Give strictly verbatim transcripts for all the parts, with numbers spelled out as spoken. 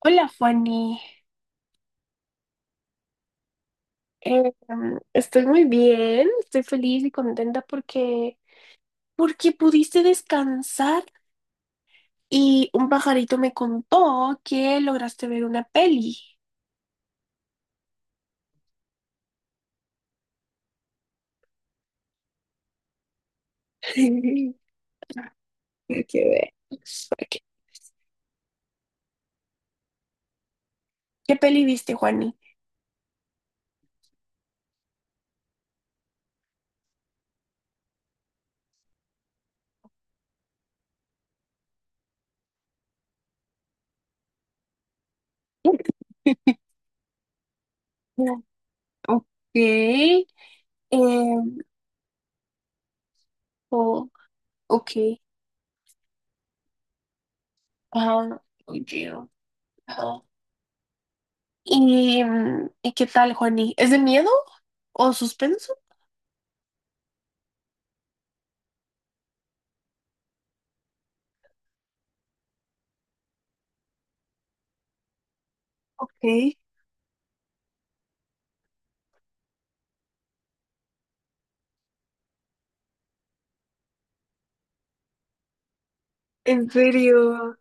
Hola, Fanny. Eh, estoy muy bien, estoy feliz y contenta porque, porque pudiste descansar y un pajarito me contó que lograste ver una peli. Hay que ver. ¿Qué, ¿qué peli viste, Juani? Mm. Ok. eh, oh, ok. Ajá, oye, ajá. ¿Y, mm, ¿y qué tal, Juani? ¿Es de miedo o suspenso? Ok, en serio.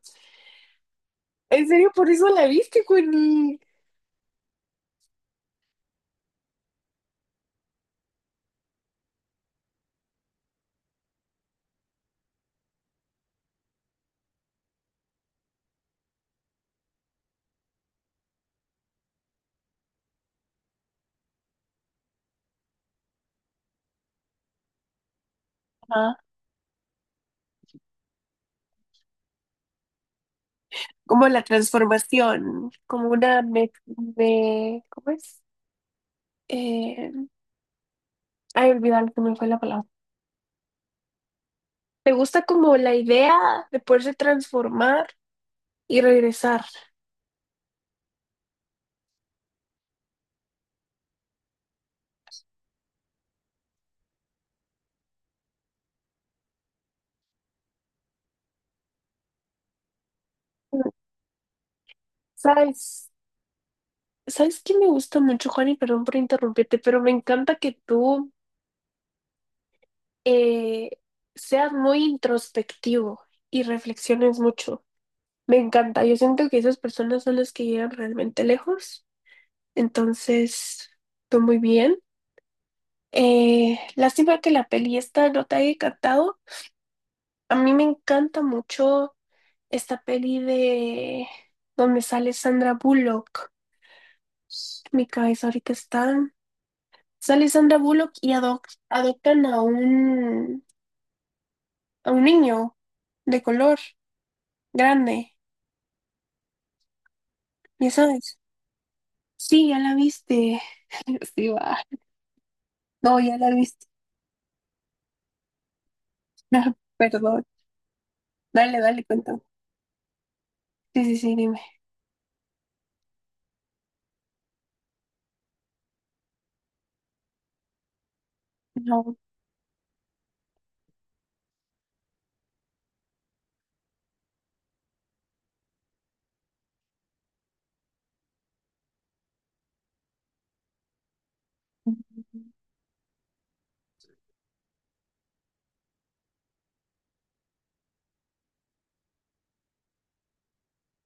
En serio, por eso la viste, Connie. Ajá. Como la transformación, como una me, me- ¿cómo es? Eh, ay, olvidar que me fue la palabra. ¿Te gusta como la idea de poderse transformar y regresar? ¿Sabes? ¿Sabes qué me gusta mucho, Juan? Y perdón por interrumpirte, pero me encanta que tú eh, seas muy introspectivo y reflexiones mucho. Me encanta. Yo siento que esas personas son las que llegan realmente lejos. Entonces, fue muy bien. Eh, lástima que la peli esta no te haya encantado. A mí me encanta mucho esta peli de donde sale Sandra Bullock. Mi cabeza ahorita está. Sale Sandra Bullock y adoc- adoptan a un, a un niño de color grande. ¿Ya sabes? Sí, ya la viste. Sí, va. No, ya la viste. Perdón. Dale, dale, cuéntame. Sí, sí, sí, dime. No.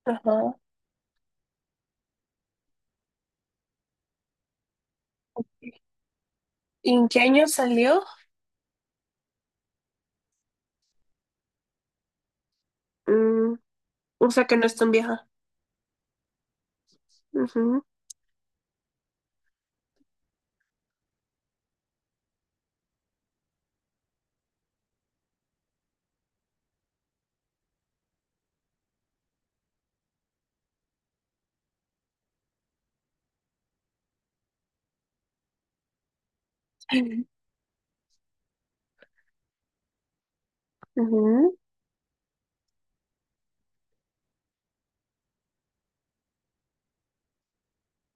Ajá. ¿Y en qué año salió? Mm, o sea que no es tan vieja. Ujú, ujú.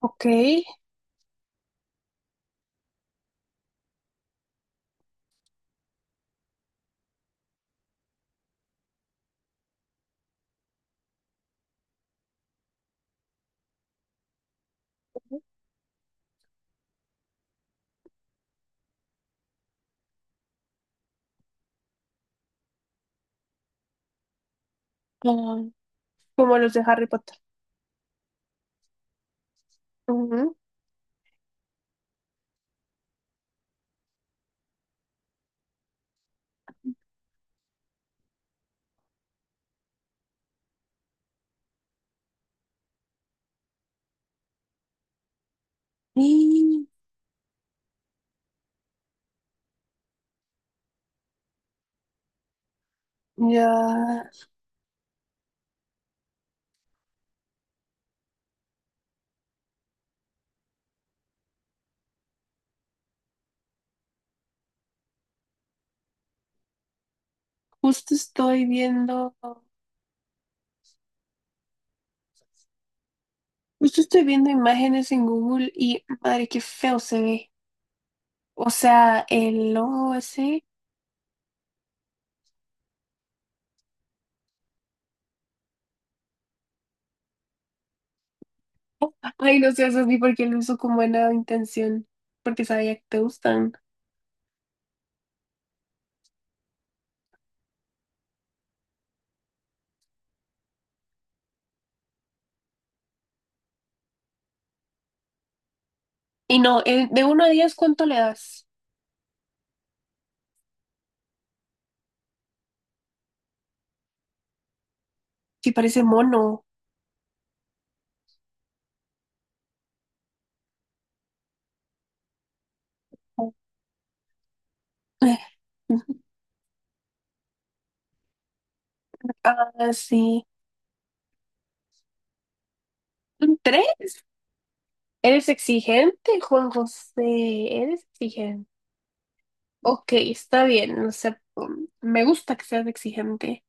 Ok. Ah, como los de Harry Potter. Ujú. Y ya, justo estoy viendo, justo estoy viendo imágenes en Google y madre, qué feo se ve. O sea, el logo ese. Ay, no sé, eso ni porque lo uso con buena intención, porque sabía que te gustan. Y no, eh, de uno a diez, ¿cuánto le das? Si parece mono. Eh. Ah, sí. ¿Son ¿Tres? ¿Eres exigente, Juan José? ¿Eres exigente? Ok, está bien, no sé, um, me gusta que seas exigente.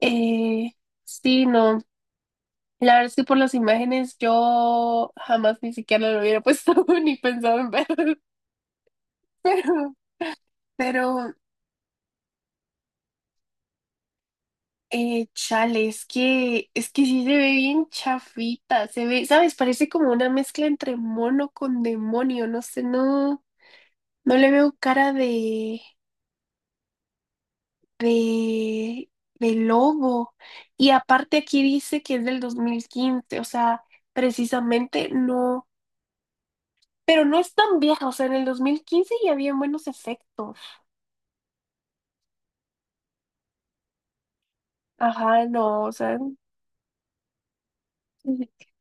Eh, sí, no, la verdad es que por las imágenes yo jamás ni siquiera lo hubiera puesto ni pensado en ver, pero, pero, eh, chale, es que, es que sí se ve bien chafita, se ve, ¿sabes? Parece como una mezcla entre mono con demonio, no sé, no. No le veo cara de, de, de lobo. Y aparte aquí dice que es del dos mil quince, o sea, precisamente no, pero no es tan vieja, o sea, en el dos mil quince ya había buenos efectos. Ajá, no, o sea,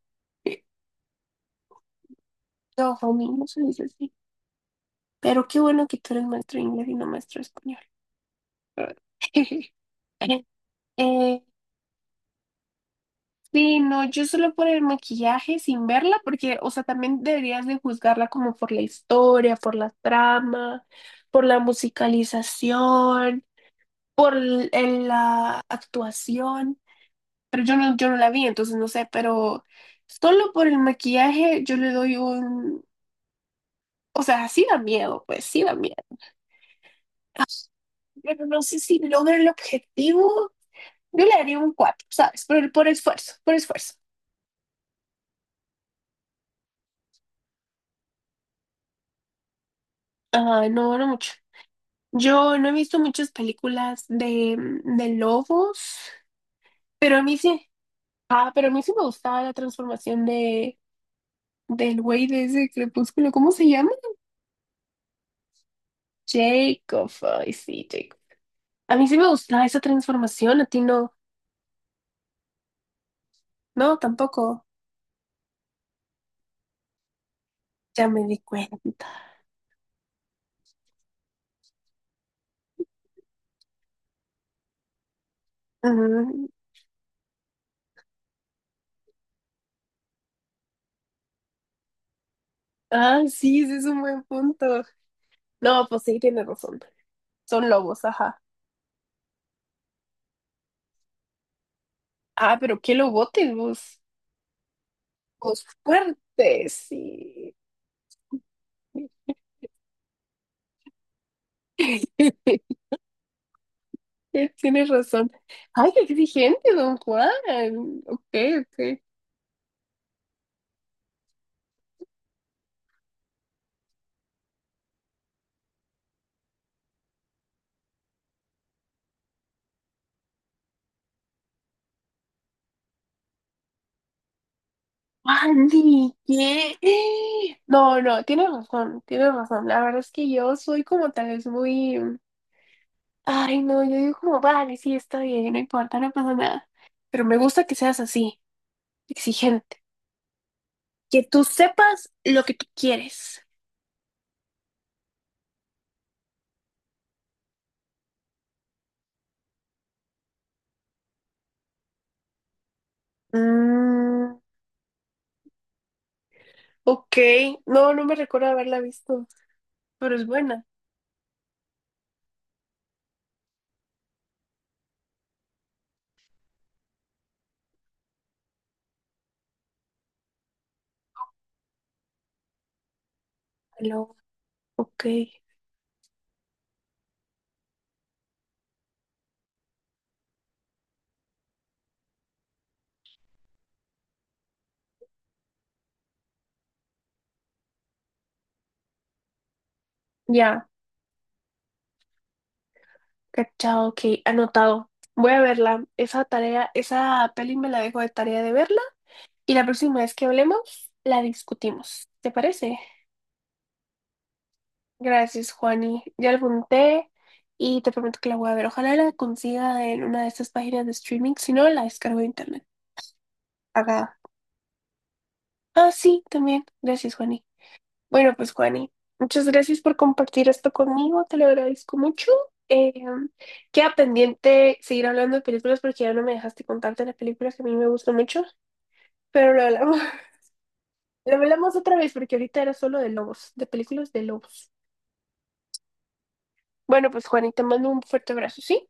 no, homie, no se dice así. Pero qué bueno que tú eres maestro de inglés y no maestro de español. Eh. Sí, no, yo solo por el maquillaje sin verla, porque, o sea, también deberías de juzgarla como por la historia, por la trama, por la musicalización, por l- el- la actuación, pero yo no, yo no la vi, entonces no sé, pero solo por el maquillaje yo le doy un, o sea, sí da miedo, pues sí da miedo, pero no sé si logra el objetivo, yo le daría un cuatro, ¿sabes? Por, el- por esfuerzo, por esfuerzo. Ah, no, no mucho. Yo no he visto muchas películas de, mm, de lobos, pero a mí sí, ah, pero a mí sí me gustaba la transformación de, del güey de ese crepúsculo, ¿cómo se llama? Jacob, ay sí, Jacob. A mí sí me gustaba esa transformación, a ti no, no, tampoco, ya me di cuenta. Mm. Ah, sí, ese es un buen punto. No, pues sí, tienes razón, son lobos, ajá. Ah, pero qué lobotes vos, vos fuertes, sí. Eh. Tienes razón. Ay, qué exigente, don Juan. Ok, ok. Andy, ¿qué? No, no, tienes razón, tienes razón. La verdad es que yo soy como tal vez muy... Ay, no, yo digo como, vale, sí, está bien, no importa, no pasa nada. Pero me gusta que seas así, exigente. Que tú sepas lo que tú quieres. Mm, ok, no, no me recuerdo haberla visto, pero es buena. Aló, ok, ya. Cachado, ok, anotado. Voy a verla. Esa tarea, esa peli me la dejo de tarea de verla. Y la próxima vez que hablemos, la discutimos. ¿Te parece? Gracias, Juani. Ya la apunté y te prometo que la voy a ver. Ojalá la consiga en una de estas páginas de streaming. Si no, la descargo de internet. Acá. Ah, sí, también. Gracias, Juani. Bueno, pues Juani, muchas gracias por compartir esto conmigo, te lo agradezco mucho. Eh, queda pendiente seguir hablando de películas porque ya no me dejaste contarte las películas que a mí me gustan mucho, pero lo hablamos, lo hablamos otra vez porque ahorita era solo de lobos, de películas de lobos. Bueno, pues Juani, te mando un fuerte abrazo, ¿sí?